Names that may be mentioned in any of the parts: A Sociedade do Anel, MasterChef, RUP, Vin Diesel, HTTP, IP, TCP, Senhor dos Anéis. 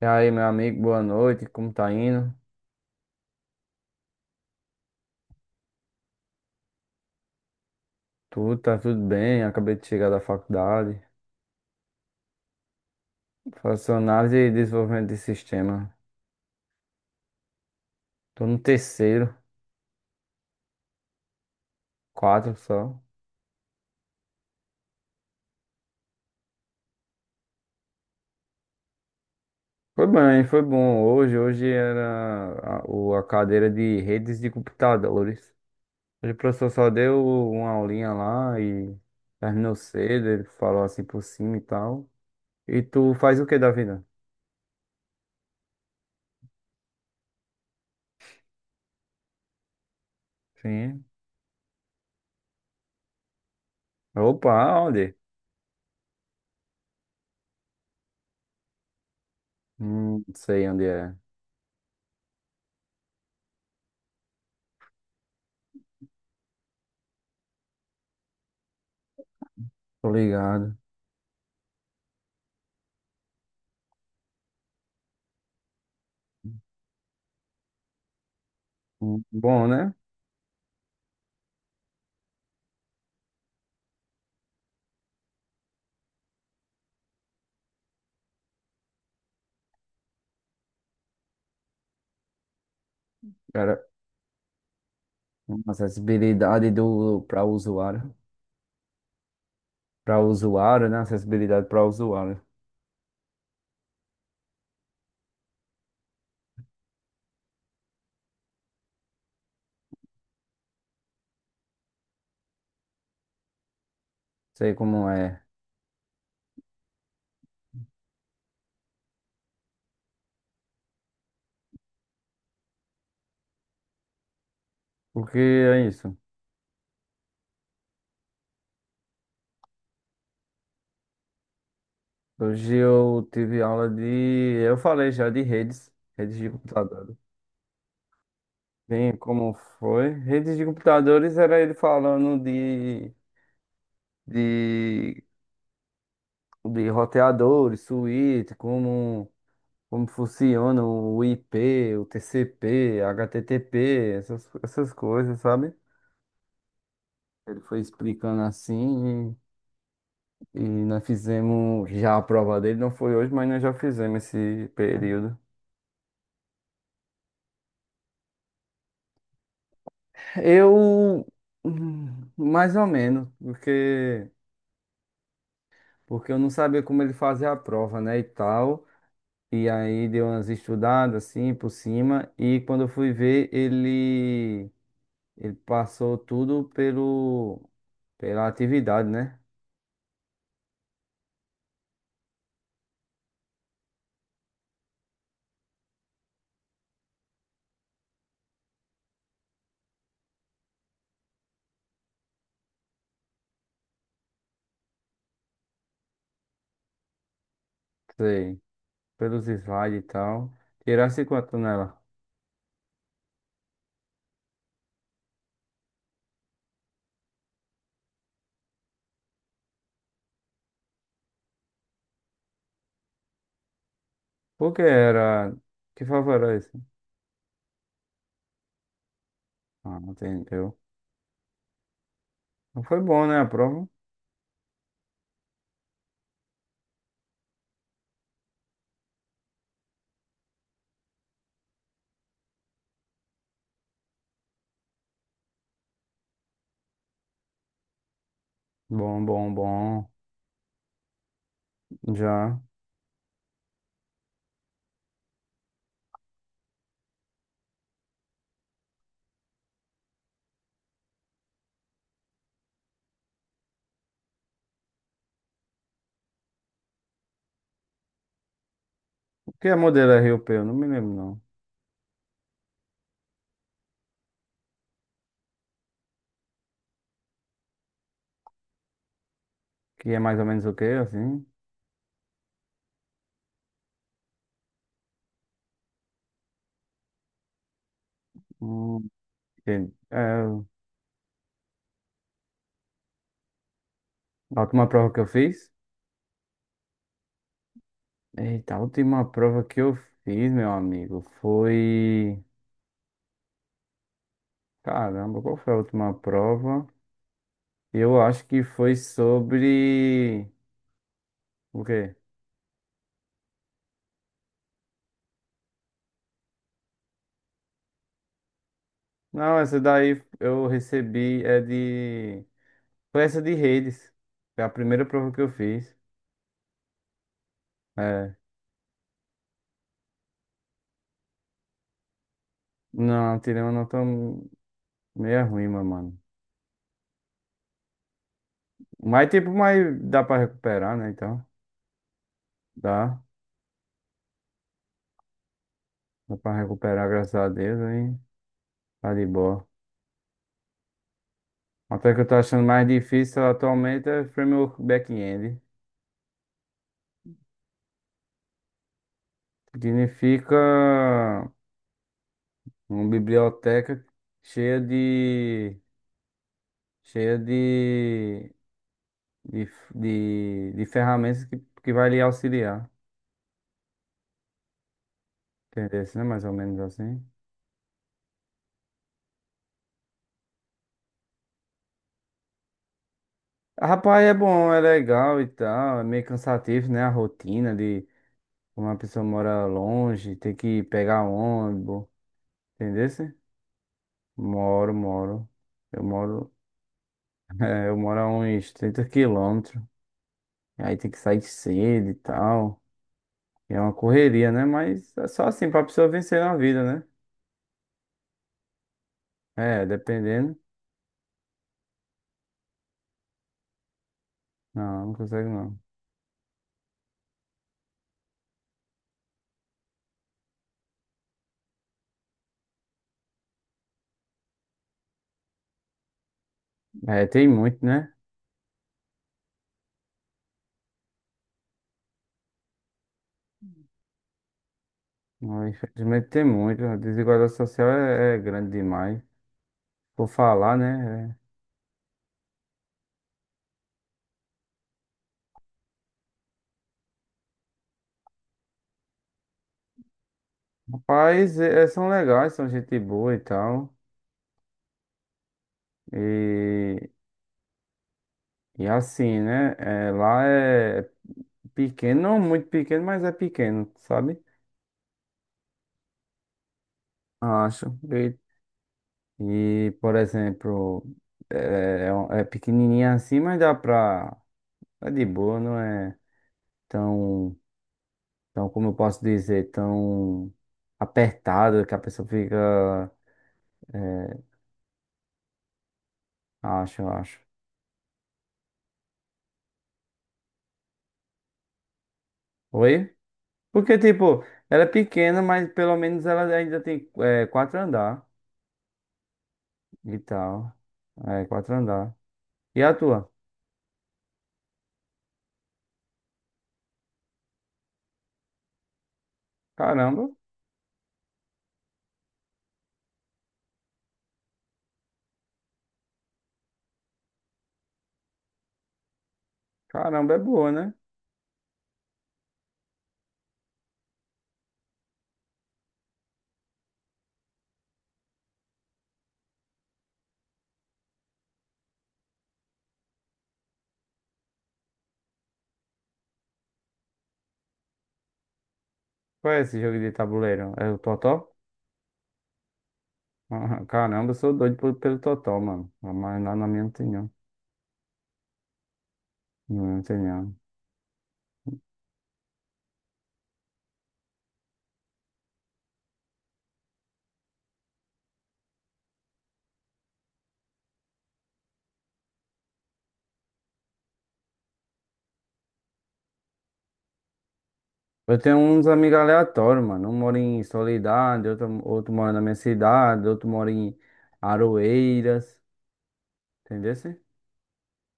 E aí, meu amigo, boa noite, como tá indo? Tudo, tá tudo bem, acabei de chegar da faculdade. Faço análise e desenvolvimento de sistema. Tô no terceiro, quatro só. Foi bem, foi bom. Hoje era a cadeira de redes de computadores. Hoje o professor só deu uma aulinha lá e terminou cedo, ele falou assim por cima e tal. E tu faz o que da vida? Sim. Opa, onde? Não sei onde é. Tô ligado. Bom, né? Cara, uma acessibilidade do para usuário, né? Acessibilidade para usuário. Sei como é. Porque é isso. Hoje eu tive aula de, eu falei já de redes, redes de computadores. Bem, como foi? Redes de computadores era ele falando de, de roteadores, suíte, como funciona o IP, o TCP, HTTP, essas coisas, sabe? Ele foi explicando assim e nós fizemos já a prova dele, não foi hoje, mas nós já fizemos esse período. Eu, mais ou menos, porque eu não sabia como ele fazia a prova, né, e tal. E aí deu umas estudadas assim por cima e quando eu fui ver, ele passou tudo pelo, pela atividade, né? Sei, pelos slides e tal. Tirasse quanto nela? Por que era? Que favor era esse? Ah, entendeu. Não foi bom, né, a prova? Bom, bom, bom. Já. O que é modelo RUP? Eu não me lembro, não. Que é mais ou menos o quê, assim? Hum, entendi. É, a última prova que eu fiz? Eita, a última prova que eu fiz, meu amigo, foi... Caramba, qual foi a última prova? Eu acho que foi sobre... O quê? Não, essa daí eu recebi é de... Foi essa de redes. Foi a primeira prova que eu fiz. É. Não, tirei uma nota meio ruim, mas, mano. Mas, tipo, mas dá pra recuperar, né? Então, dá. Dá pra recuperar, graças a Deus, aí tá de boa. Até que eu tô achando mais difícil atualmente é framework back-end. Significa uma biblioteca cheia de... cheia de... de, de ferramentas que vai lhe auxiliar. Entendeu? Né? Mais ou menos assim. Rapaz, é bom, é legal e tal. É meio cansativo, né? A rotina de uma pessoa mora longe, tem que pegar ônibus, entendeu? Sim? Moro, moro. Eu moro, é, eu moro a uns 30 quilômetros. E aí tem que sair cedo e tal. E é uma correria, né? Mas é só assim, pra pessoa vencer na vida, né? É, dependendo. Não, não consegue não. É, tem muito, né? Não, infelizmente tem muito. A desigualdade social é, é grande demais. Por falar, né? É, rapaz, é, é, são legais, são gente boa e tal. E, e assim, né? É, lá é pequeno, não muito pequeno, mas é pequeno, sabe? Acho. E, por exemplo, é, é, é pequenininha assim, mas dá pra. É de boa, não é tão, tão, como eu posso dizer, tão apertado que a pessoa fica. É, acho, acho. Oi? Porque, tipo, ela é pequena, mas pelo menos ela ainda tem é, quatro andar e tal. É, quatro andar. E a tua? Caramba, caramba, é boa, né? Qual é esse jogo de tabuleiro? É o Totó? Ah, caramba, eu sou doido pelo Totó, mano. Mas lá na minha não tem não. Não tem não. Eu tenho uns amigos aleatórios, mano. Um mora em Soledade, outro mora na minha cidade, outro mora em Aroeiras, entendeu?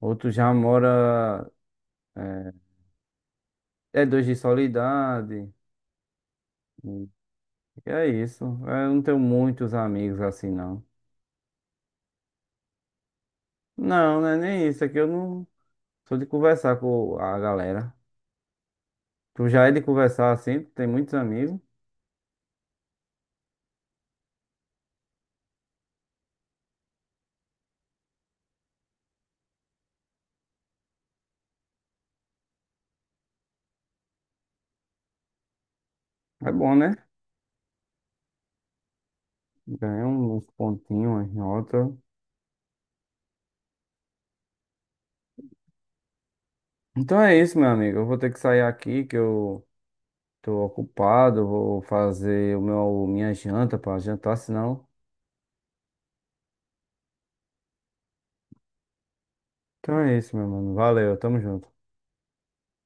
Outro já mora. É, é dois de Soledade. Hum. E é isso. Eu não tenho muitos amigos assim, não. Não, não é nem isso. É que eu não sou de conversar com a galera. Tu já é de conversar assim, tu tem muitos amigos. É bom, né? Ganha um, uns pontinhos, umas notas. Então é isso, meu amigo. Eu vou ter que sair aqui, que eu tô ocupado. Vou fazer o meu, minha janta pra jantar, senão. Então é isso, meu mano. Valeu, tamo junto.